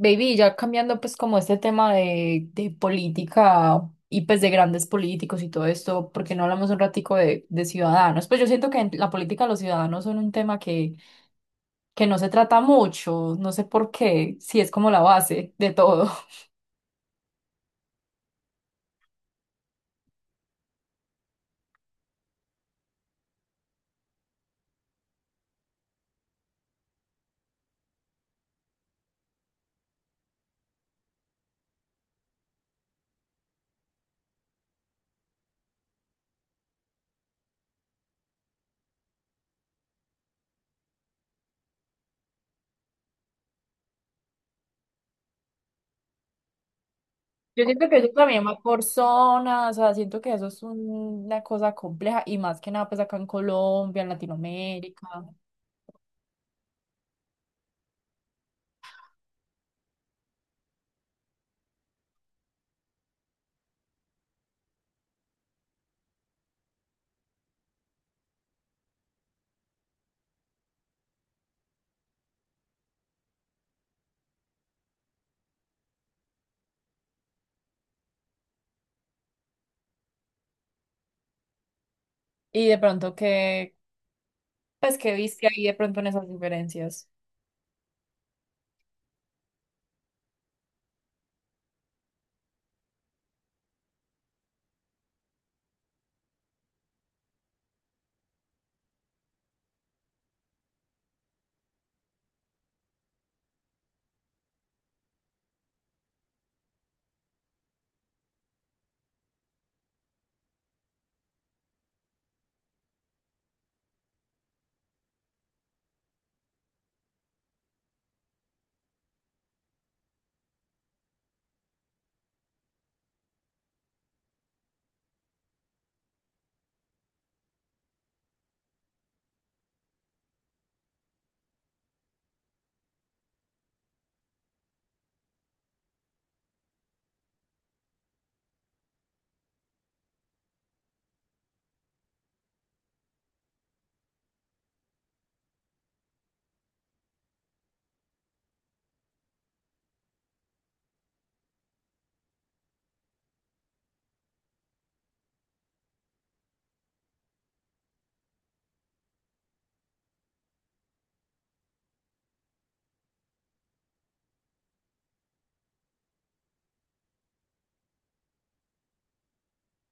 Baby, ya cambiando pues como este tema de política y pues de grandes políticos y todo esto, ¿porque no hablamos un ratico de ciudadanos? Pues yo siento que en la política los ciudadanos son un tema que no se trata mucho, no sé por qué, si es como la base de todo. Yo siento que eso también va por zonas, o sea, siento que una cosa compleja y más que nada pues acá en Colombia, en Latinoamérica y de pronto que, pues que viste ahí de pronto en esas diferencias.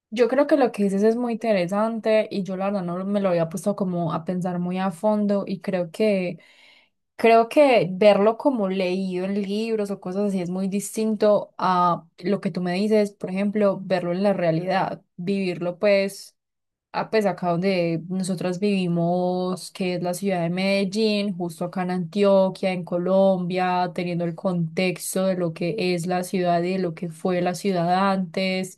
Yo creo que lo que dices es muy interesante y yo la verdad no me lo había puesto como a pensar muy a fondo y creo que verlo como leído en libros o cosas así es muy distinto a lo que tú me dices, por ejemplo, verlo en la realidad, vivirlo pues a pues acá donde nosotras vivimos, que es la ciudad de Medellín, justo acá en Antioquia, en Colombia, teniendo el contexto de lo que es la ciudad y de lo que fue la ciudad antes.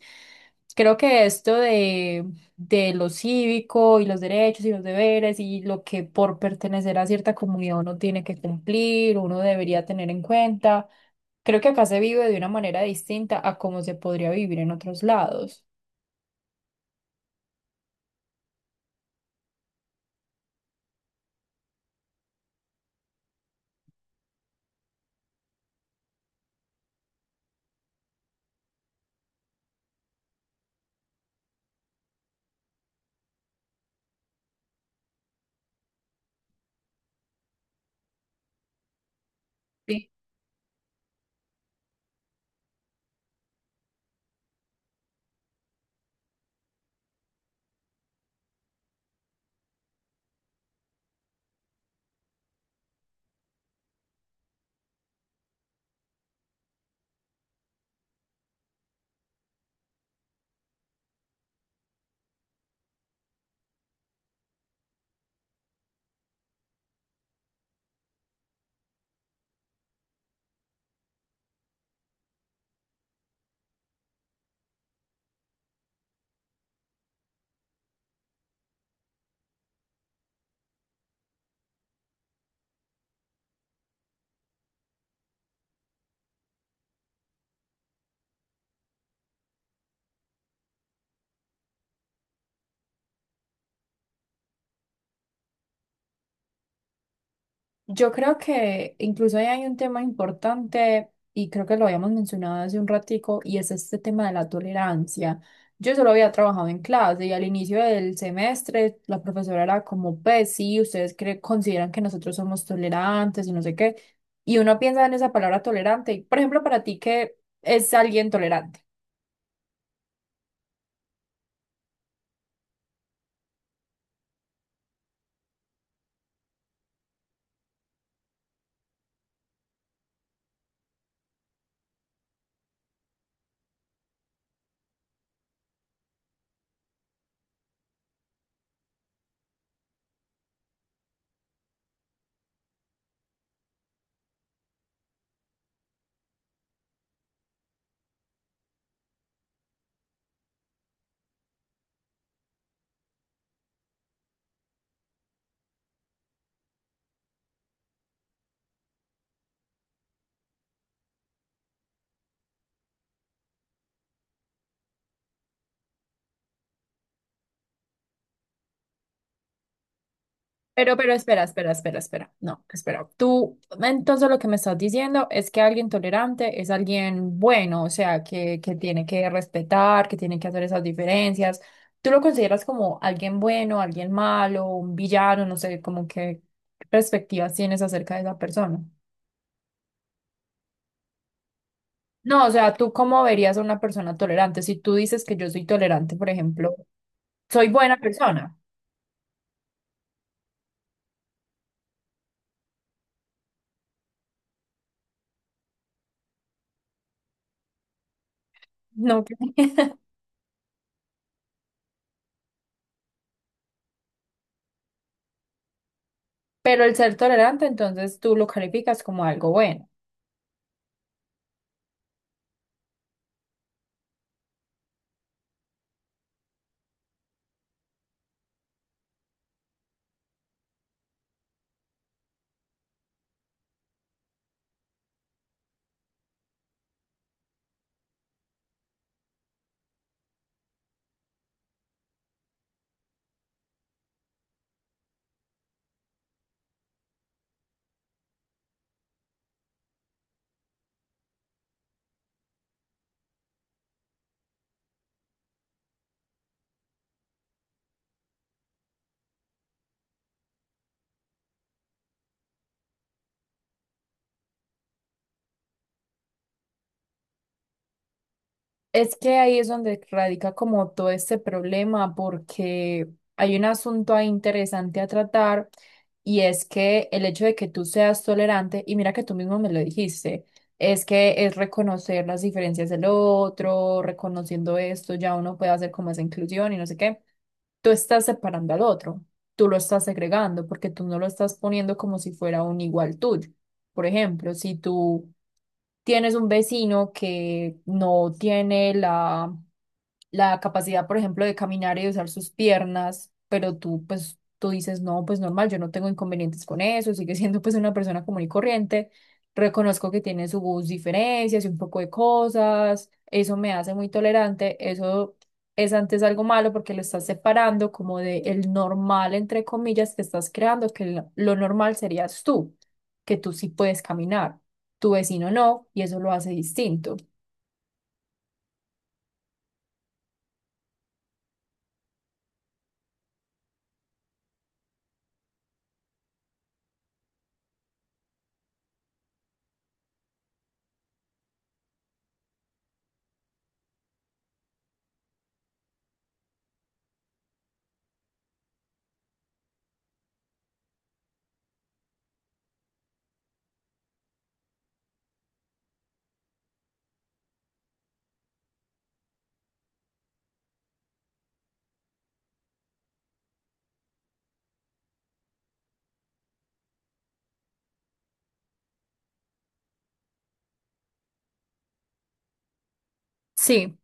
Creo que esto de lo cívico y los derechos y los deberes y lo que por pertenecer a cierta comunidad uno tiene que cumplir, uno debería tener en cuenta, creo que acá se vive de una manera distinta a cómo se podría vivir en otros lados. Yo creo que incluso ahí hay un tema importante y creo que lo habíamos mencionado hace un ratico y es este tema de la tolerancia. Yo solo había trabajado en clase y al inicio del semestre la profesora era como, pues sí, ustedes consideran que nosotros somos tolerantes y no sé qué. Y uno piensa en esa palabra tolerante. Y, por ejemplo, para ti, ¿qué es alguien tolerante? Pero, pero espera. No, espera. Tú, entonces lo que me estás diciendo es que alguien tolerante es alguien bueno, o sea, que tiene que respetar, que tiene que hacer esas diferencias. ¿Tú lo consideras como alguien bueno, alguien malo, un villano? No sé, como que qué perspectivas tienes acerca de esa persona. No, o sea, ¿tú cómo verías a una persona tolerante? Si tú dices que yo soy tolerante, por ejemplo, soy buena persona, no, pero el ser tolerante, entonces tú lo calificas como algo bueno. Es que ahí es donde radica como todo este problema, porque hay un asunto ahí interesante a tratar y es que el hecho de que tú seas tolerante, y mira que tú mismo me lo dijiste, es que es reconocer las diferencias del otro, reconociendo esto, ya uno puede hacer como esa inclusión y no sé qué. Tú estás separando al otro, tú lo estás segregando porque tú no lo estás poniendo como si fuera un igual tuyo. Por ejemplo, si tú tienes un vecino que no tiene la capacidad, por ejemplo, de caminar y de usar sus piernas, pero tú, pues, tú dices, no, pues normal, yo no tengo inconvenientes con eso, sigue siendo pues una persona común y corriente, reconozco que tiene sus diferencias y un poco de cosas, eso me hace muy tolerante, eso es antes algo malo porque lo estás separando como de el normal, entre comillas, que estás creando, que lo normal serías tú, que tú sí puedes caminar, tu vecino no, y eso lo hace distinto. Sí.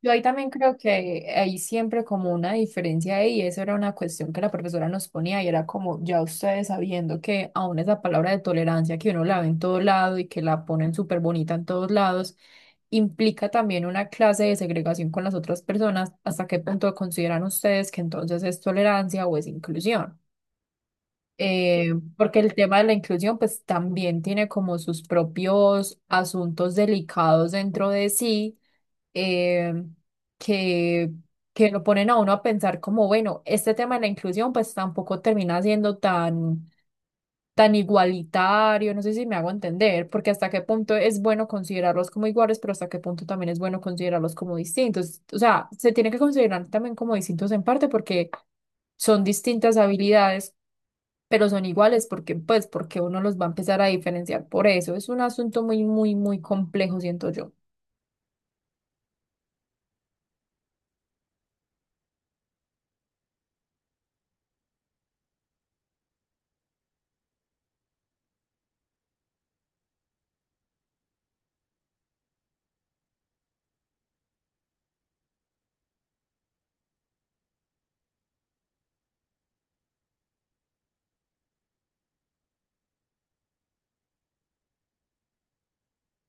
Yo ahí también creo que hay siempre como una diferencia ahí, y eso era una cuestión que la profesora nos ponía y era como ya ustedes sabiendo que aún esa palabra de tolerancia que uno la ve en todo lado y que la ponen súper bonita en todos lados, implica también una clase de segregación con las otras personas, ¿hasta qué punto consideran ustedes que entonces es tolerancia o es inclusión? Porque el tema de la inclusión pues también tiene como sus propios asuntos delicados dentro de sí, eh, que, que lo ponen a uno a pensar como, bueno, este tema de la inclusión pues tampoco termina siendo tan, tan igualitario, no sé si me hago entender, porque hasta qué punto es bueno considerarlos como iguales, pero hasta qué punto también es bueno considerarlos como distintos. O sea, se tiene que considerar también como distintos en parte porque son distintas habilidades. Pero son iguales porque pues porque uno los va a empezar a diferenciar por eso. Es un asunto muy complejo, siento yo.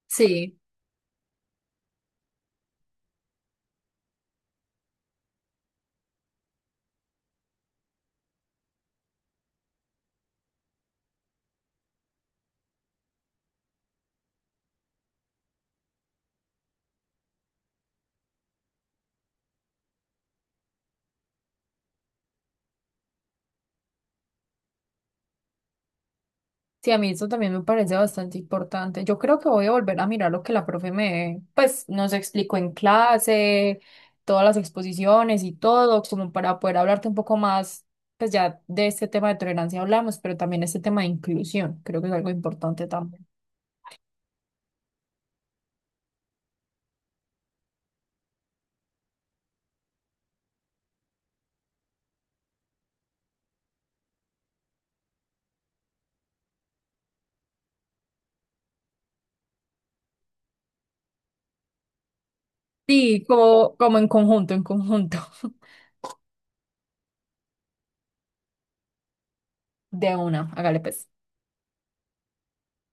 Sí. Sí, a mí eso también me parece bastante importante. Yo creo que voy a volver a mirar lo que la profe me, pues, nos explicó en clase, todas las exposiciones y todo, como para poder hablarte un poco más, pues ya de este tema de tolerancia hablamos, pero también este tema de inclusión, creo que es algo importante también. Sí, como, como en conjunto, en conjunto. De una, hágale pues.